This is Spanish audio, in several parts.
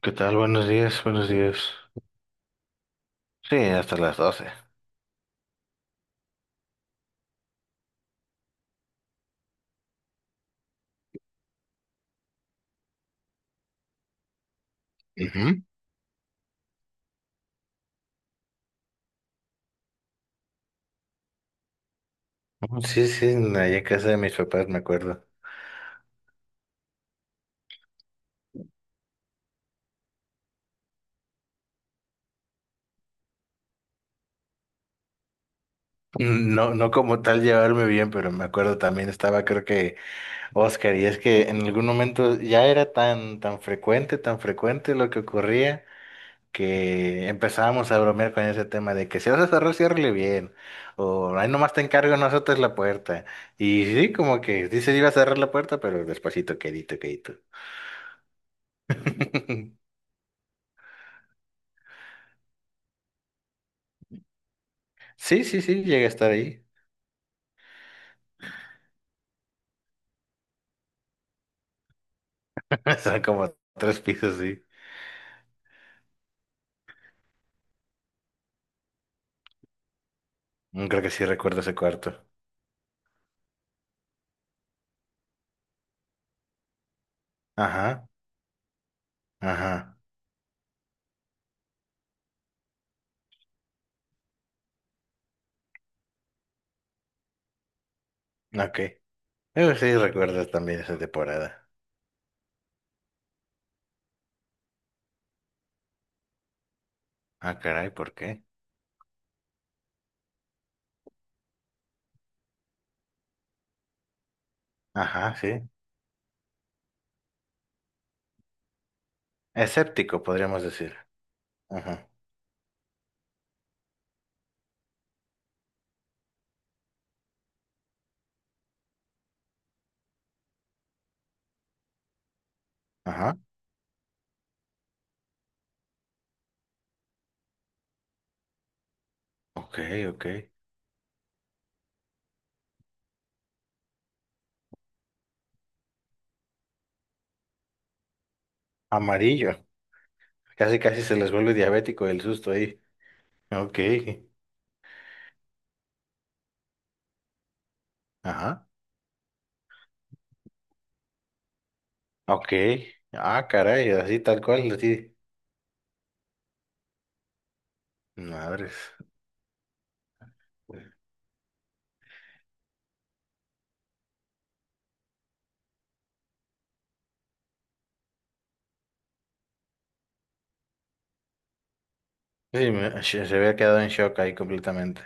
¿Qué tal? Buenos días, buenos días. Sí, hasta las 12. Ujú. Sí, sí, allá en casa de mis papás me acuerdo. No, no como tal llevarme bien, pero me acuerdo también estaba creo que Oscar y es que en algún momento ya era tan frecuente, tan frecuente lo que ocurría que empezábamos a bromear con ese tema de que si vas a cerrar, ciérrale bien o ahí nomás te encargo, no azotes la puerta. Y sí, como que dice iba a cerrar la puerta, pero despacito, quedito, quedito. Sí, sí, sí, llegué a estar ahí. Son como tres pisos, sí. Creo que sí recuerdo ese cuarto. Ajá, ajá, ok. Sí recuerdo también esa temporada. Ah, caray, ¿por qué? Ajá, sí. Escéptico, podríamos decir. Ajá, ajá, ok, ok. Amarillo. Casi, casi se les vuelve diabético el susto ahí. Ok, ajá, ok. Ah, caray, así tal cual, así. Madres. Sí, se se había quedado en shock ahí completamente.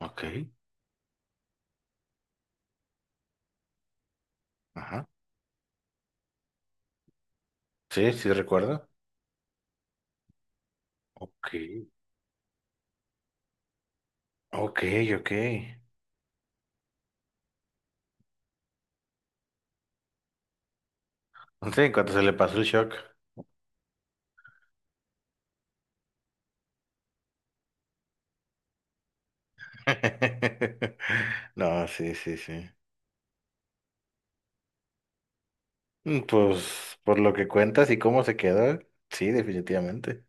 Ok, ajá. Sí, sí recuerdo. Ok, ok, ok. Sí, en cuanto se le pasó el shock. No, sí, sí, sí. Pues por lo que cuentas y cómo se quedó, sí, definitivamente.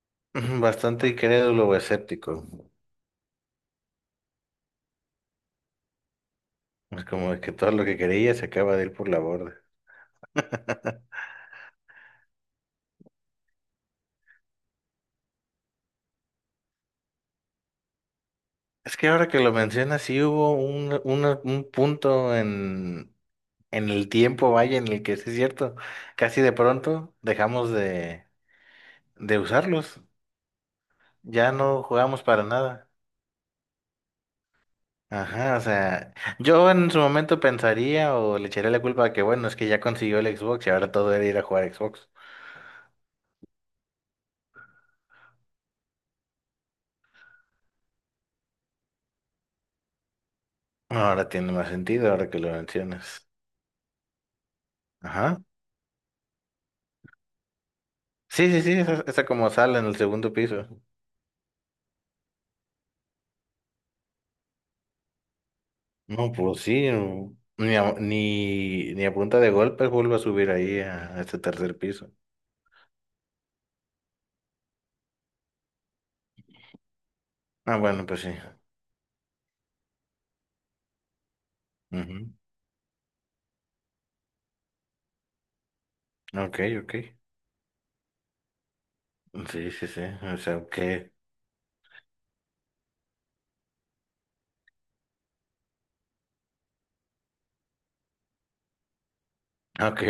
Ujú. Bastante incrédulo o escéptico. Es como que todo lo que quería se acaba de ir por la borda. Es que ahora que lo mencionas, sí hubo un punto en el tiempo, vaya, en el que sí es cierto, casi de pronto dejamos de usarlos. Ya no jugamos para nada. Ajá, o sea, yo en su momento pensaría o le echaría la culpa a que, bueno, es que ya consiguió el Xbox y ahora todo era ir a jugar a Xbox. Ahora tiene más sentido, ahora que lo mencionas. Ajá. Sí, sí, sí, esa como sala en el segundo piso. No, pues sí, no. Ni ni a punta de golpes vuelvo a subir ahí a este tercer piso. Ah, bueno, pues sí. Ujú. Ok, ok. Sí, sí, sí. O sea, ok. Ok.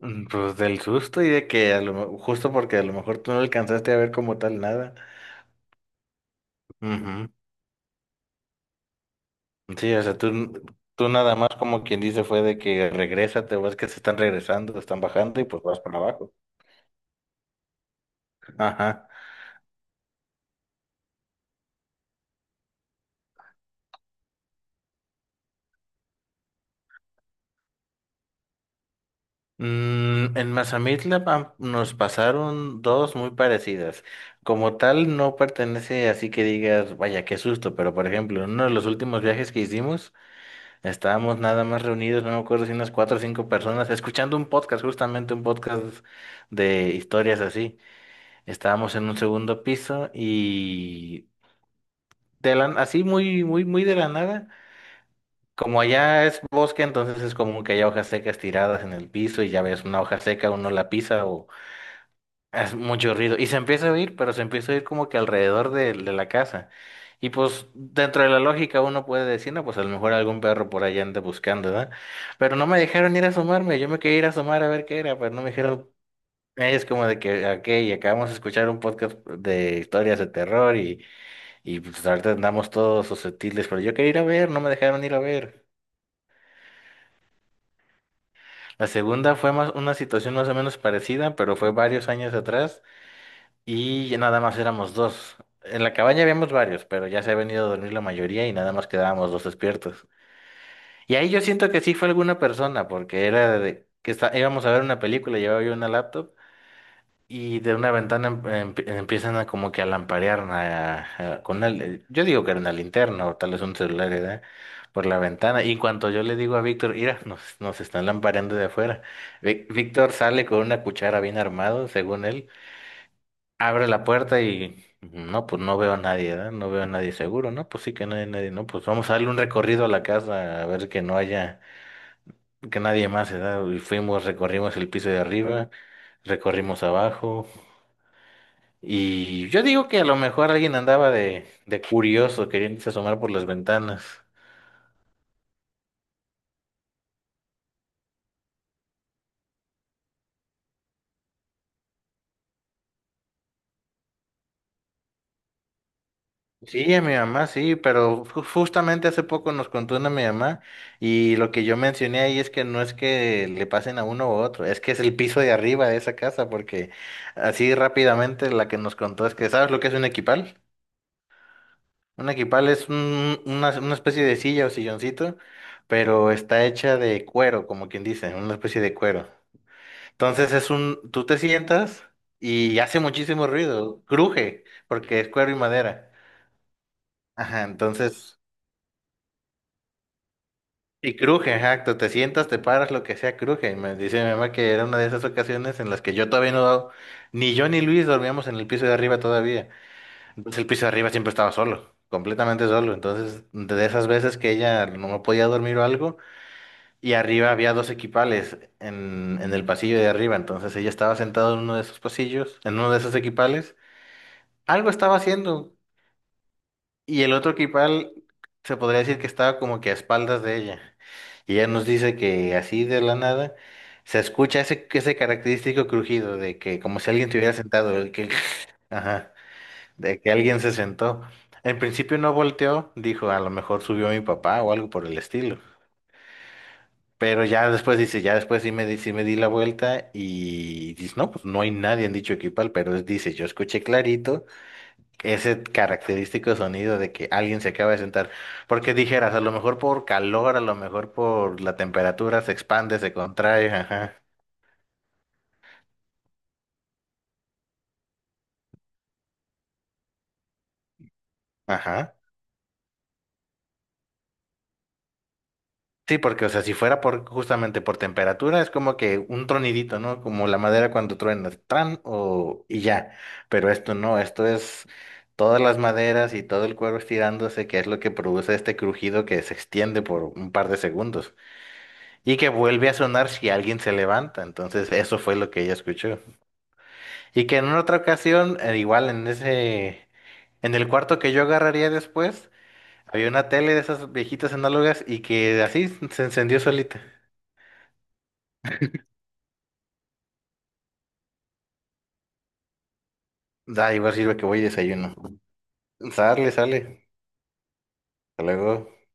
Pues del susto y de que justo porque a lo mejor tú no alcanzaste a ver como tal nada. Ujú. Sí, o sea, tú nada más como quien dice fue de que regresa, te ves que se están regresando, están bajando y pues vas para abajo. Ajá. En Mazamitla nos pasaron dos muy parecidas. Como tal no pertenece así que digas, vaya, qué susto, pero por ejemplo, en uno de los últimos viajes que hicimos, estábamos nada más reunidos, no me acuerdo si unas cuatro o cinco personas, escuchando un podcast, justamente un podcast de historias así. Estábamos en un segundo piso y así muy, muy, muy de la nada. Como allá es bosque, entonces es común que haya hojas secas tiradas en el piso y ya ves una hoja seca, uno la pisa. Es mucho ruido. Y se empieza a oír, pero se empieza a oír como que alrededor de la casa. Y pues dentro de la lógica uno puede decir, no, pues a lo mejor algún perro por allá anda buscando, ¿verdad? Pero no me dejaron ir a asomarme. Yo me quería ir a asomar a ver qué era, pero no me dijeron, es como de que, ok, acabamos de escuchar un podcast de historias de terror y pues ahorita andamos todos susceptibles, pero yo quería ir a ver, no me dejaron ir a ver. La segunda fue más una situación más o menos parecida, pero fue varios años atrás. Y ya nada más éramos dos. En la cabaña habíamos varios, pero ya se ha venido a dormir la mayoría y nada más quedábamos dos despiertos. Y ahí yo siento que sí fue alguna persona, porque era de que está, íbamos a ver una película, llevaba yo una laptop y de una ventana empiezan a como que a lamparear con una, yo digo que era una linterna o tal vez un celular, ¿verdad? Por la ventana. Y en cuanto yo le digo a Víctor, mira, nos, nos están lampareando de afuera. Víctor sale con una cuchara bien armado, según él. Abro la puerta y no, pues no veo a nadie, ¿verdad? No veo a nadie seguro, ¿no? Pues sí que no hay nadie, ¿no? Pues vamos a darle un recorrido a la casa a ver que no haya, que nadie más, ¿verdad? Y fuimos, recorrimos el piso de arriba, recorrimos abajo y yo digo que a lo mejor alguien andaba de curioso queriendo asomar por las ventanas. Sí, a mi mamá, sí, pero justamente hace poco nos contó una mi mamá y lo que yo mencioné ahí es que no es que le pasen a uno u otro, es que es el piso de arriba de esa casa, porque así rápidamente la que nos contó es que, ¿sabes lo que es un equipal? Un equipal es una, una especie de silla o silloncito, pero está hecha de cuero, como quien dice, una especie de cuero. Entonces es un, tú te sientas y hace muchísimo ruido, cruje, porque es cuero y madera. Ajá, entonces y cruje, exacto, te sientas, te paras, lo que sea, cruje. Y me dice mi mamá que era una de esas ocasiones en las que yo todavía no, ni yo ni Luis dormíamos en el piso de arriba todavía. Entonces el piso de arriba siempre estaba solo, completamente solo. Entonces, de esas veces que ella no podía dormir o algo, y arriba había dos equipales en el pasillo de arriba. Entonces ella estaba sentada en uno de esos pasillos, en uno de esos equipales. Algo estaba haciendo, y el otro equipal se podría decir que estaba como que a espaldas de ella. Y ella nos dice que así de la nada se escucha ese, ese característico crujido de que como si alguien te hubiera sentado, el que, ajá, de que alguien se sentó. En principio no volteó, dijo, a lo mejor subió mi papá o algo por el estilo. Pero ya después dice, ya después sí me di la vuelta y dice, no, pues no hay nadie en dicho equipal, pero dice, yo escuché clarito ese característico sonido de que alguien se acaba de sentar. Porque dijeras, a lo mejor por calor, a lo mejor por la temperatura se expande, se contrae, ajá, ajá. Sí, porque, o sea, si fuera por justamente por temperatura, es como que un tronidito, ¿no? Como la madera cuando truena, tran o y ya. Pero esto no, esto es todas las maderas y todo el cuero estirándose, que es lo que produce este crujido que se extiende por un par de segundos y que vuelve a sonar si alguien se levanta. Entonces, eso fue lo que ella escuchó. Y que en una otra ocasión, igual en ese, en el cuarto que yo agarraría después, había una tele de esas viejitas análogas y que así se encendió solita. Da, igual sirve que voy y desayuno. Sale, sale. Hasta luego.